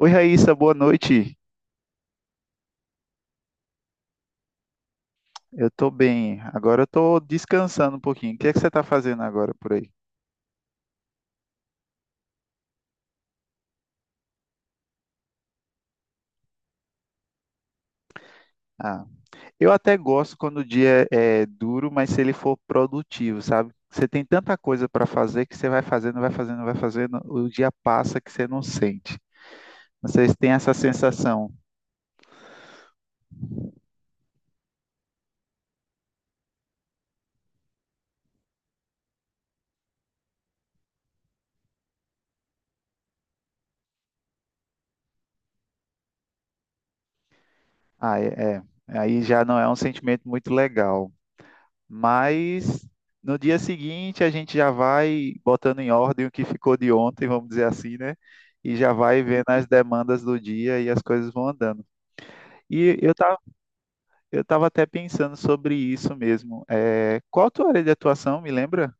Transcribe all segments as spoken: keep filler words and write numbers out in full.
Oi, Raíssa, boa noite. Eu tô bem. Agora eu tô descansando um pouquinho. O que é que você tá fazendo agora por aí? Ah, eu até gosto quando o dia é, é duro, mas se ele for produtivo, sabe? Você tem tanta coisa para fazer que você vai fazendo, vai fazendo, vai fazendo, o dia passa que você não sente. Vocês têm essa sensação? Ah, é, é. Aí já não é um sentimento muito legal. Mas no dia seguinte a gente já vai botando em ordem o que ficou de ontem, vamos dizer assim, né? E já vai vendo as demandas do dia e as coisas vão andando. E eu tava, eu tava até pensando sobre isso mesmo. É, qual a tua área de atuação, me lembra?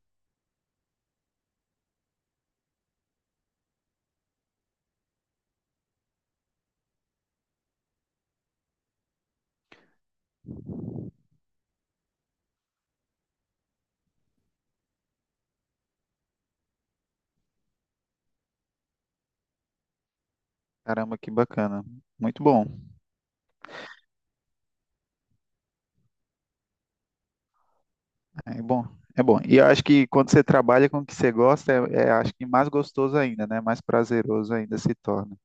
Caramba, que bacana. Muito bom. É bom, é bom. E eu acho que quando você trabalha com o que você gosta, é, é, acho que mais gostoso ainda, né? Mais prazeroso ainda se torna.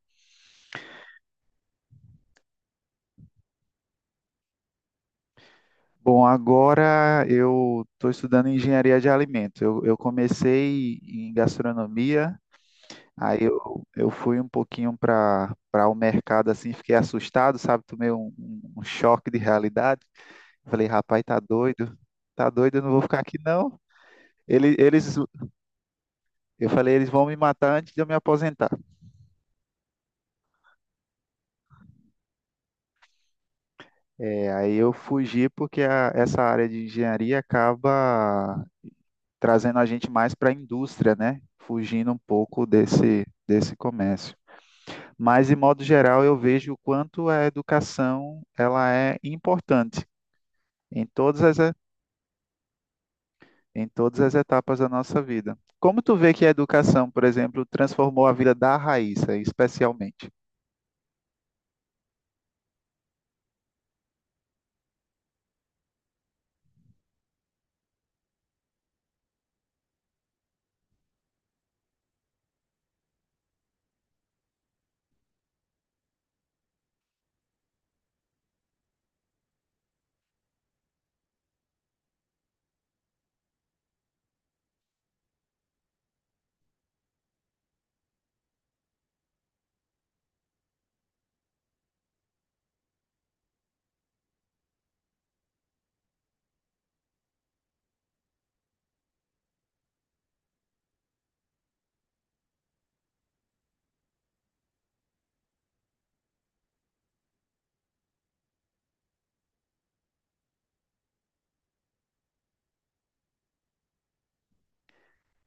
Bom, agora eu estou estudando engenharia de alimentos. Eu, eu comecei em gastronomia, aí eu, eu fui um pouquinho para para o mercado assim, fiquei assustado, sabe? Tomei um, um- um choque de realidade. Falei, rapaz, tá doido, tá doido, eu não vou ficar aqui não. Ele, eles, eu falei, eles vão me matar antes de eu me aposentar. É, aí eu fugi porque a- essa área de engenharia acaba trazendo a gente mais para a indústria, né? Fugindo um pouco desse, desse comércio. Mas, de modo geral, eu vejo o quanto a educação ela é importante em todas as, e- em todas as etapas da nossa vida. Como tu vê que a educação, por exemplo, transformou a vida da Raíssa, especialmente?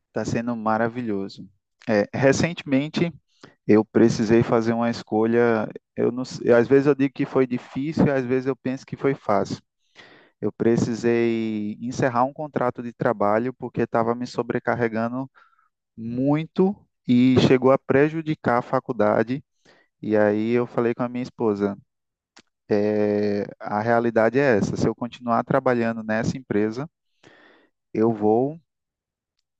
Está sendo maravilhoso. É, recentemente, eu precisei fazer uma escolha. Eu não, sei- Às vezes eu digo que foi difícil, às vezes eu penso que foi fácil. Eu precisei encerrar um contrato de trabalho porque estava me sobrecarregando muito e chegou a prejudicar a faculdade. E aí eu falei com a minha esposa: "É, a realidade é essa. Se eu continuar trabalhando nessa empresa, eu vou,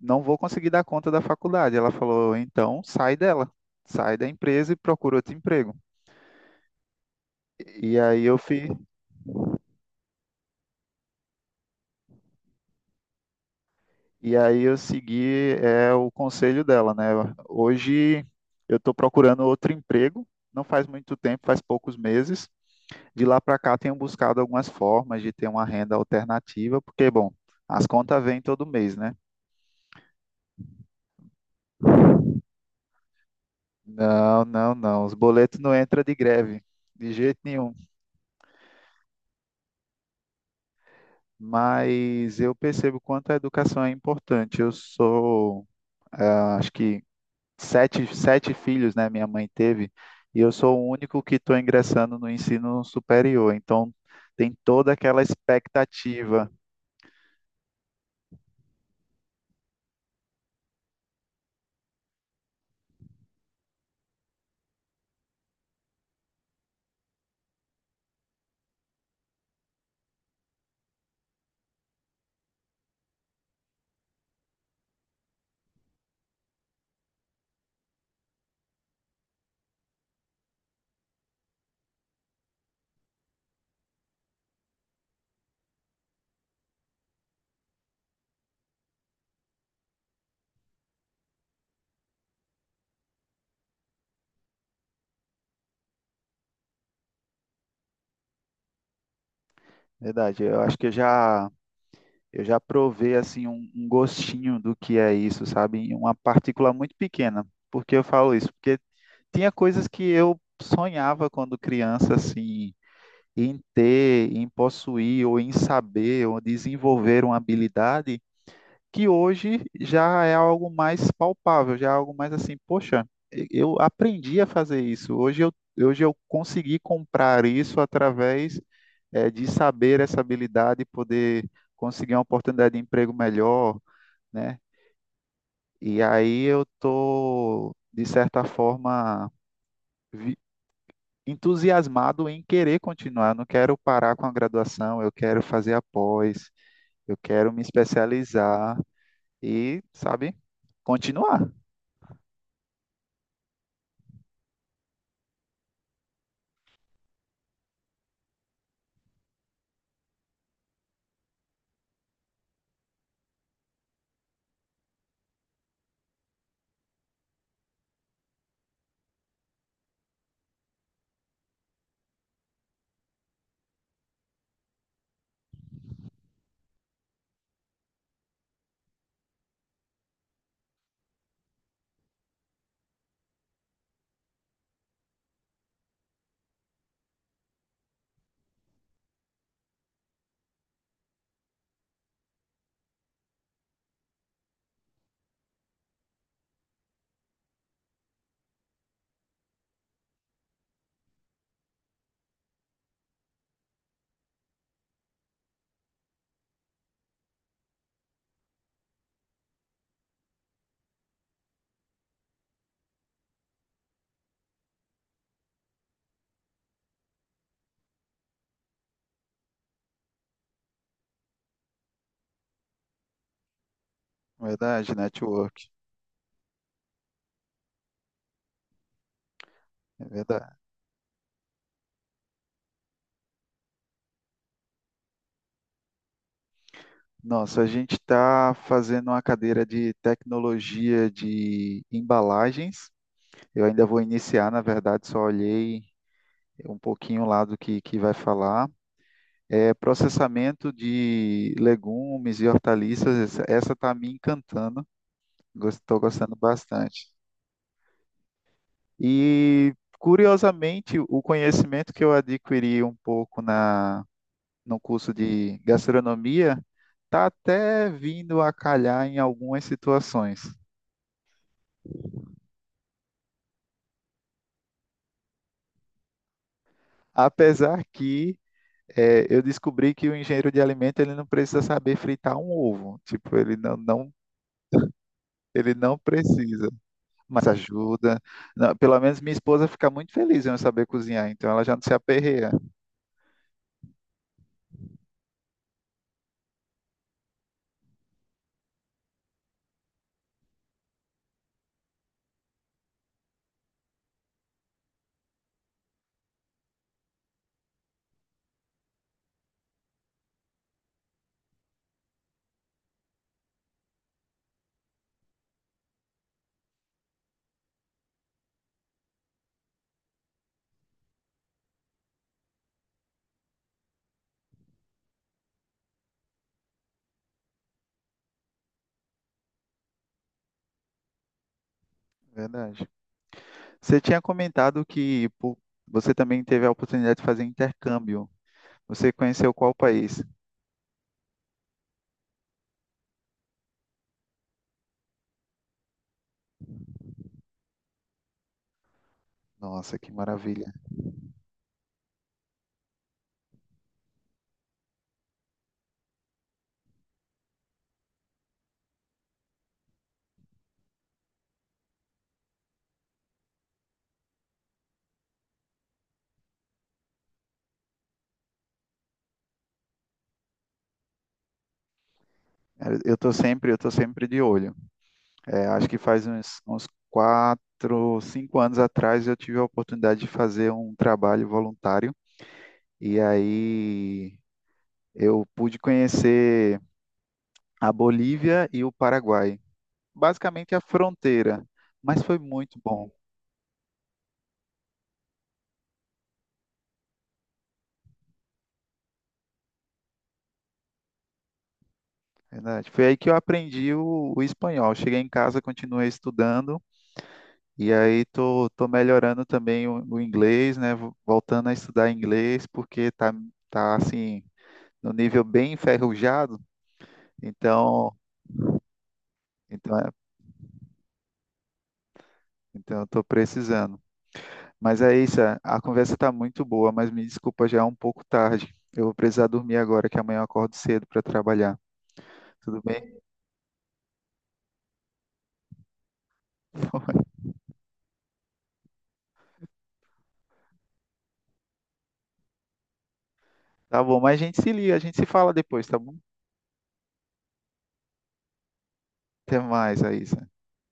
não vou conseguir dar conta da faculdade." Ela falou: "Então sai dela, sai da empresa e procura outro emprego." E aí eu fiz. E aí eu segui, é, o conselho dela, né? Hoje eu estou procurando outro emprego, não faz muito tempo, faz poucos meses. De lá para cá tenho buscado algumas formas de ter uma renda alternativa, porque, bom, as contas vêm todo mês, né? Não, não, não, os boletos não entram de greve, de jeito nenhum. Mas eu percebo quanto a educação é importante. Eu sou, ah, acho que sete, sete filhos, né? Minha mãe teve, e eu sou o único que estou ingressando no ensino superior. Então, tem toda aquela expectativa. Verdade, eu acho que eu já, eu já provei assim um, um gostinho do que é isso, sabe? Em uma partícula muito pequena. Por que eu falo isso? Porque tinha coisas que eu sonhava quando criança, assim, em ter, em possuir, ou em saber, ou desenvolver uma habilidade que hoje já é algo mais palpável, já é algo mais assim, poxa, eu aprendi a fazer isso. Hoje eu, hoje eu consegui comprar isso através eh, de saber essa habilidade e poder conseguir uma oportunidade de emprego melhor, né? E aí eu tô, de certa forma, vi- entusiasmado em querer continuar. Eu não quero parar com a graduação, eu quero fazer a pós, eu quero me especializar e, sabe, continuar. Verdade, network, é verdade. Nossa, a gente está fazendo uma cadeira de tecnologia de embalagens. Eu ainda vou iniciar, na verdade, só olhei um pouquinho lá do que, que vai falar. É, processamento de legumes e hortaliças, essa está me encantando, estou gostando bastante. E, curiosamente, o conhecimento que eu adquiri um pouco na no curso de gastronomia está até vindo a calhar em algumas situações. Apesar que eh, eu descobri que o engenheiro de alimento ele não precisa saber fritar um ovo. Tipo, ele não, não, ele não precisa, mas ajuda. Não, pelo menos minha esposa fica muito feliz em eu saber cozinhar, então ela já não se aperreia. Verdade. Você tinha comentado que pô, você também teve a oportunidade de fazer intercâmbio. Você conheceu qual país? Nossa, que maravilha. Eu tô sempre, eu tô sempre de olho. É, acho que faz uns, uns quatro, cinco anos atrás eu tive a oportunidade de fazer um trabalho voluntário e aí eu pude conhecer a Bolívia e o Paraguai, basicamente a fronteira, mas foi muito bom, verdade. Foi aí que eu aprendi o, o espanhol. Cheguei em casa, continuei estudando e aí tô, tô melhorando também o, o inglês, né? Voltando a estudar inglês porque tá, tá assim no nível bem enferrujado, então, então, é- então eu estou precisando. Mas é isso, é, a conversa está muito boa, mas me desculpa, já é um pouco tarde. Eu vou precisar dormir agora, que amanhã eu acordo cedo para trabalhar. Tudo bem? Tá bom, mas a gente se liga, a gente se fala depois, tá bom? Até mais, Aísa.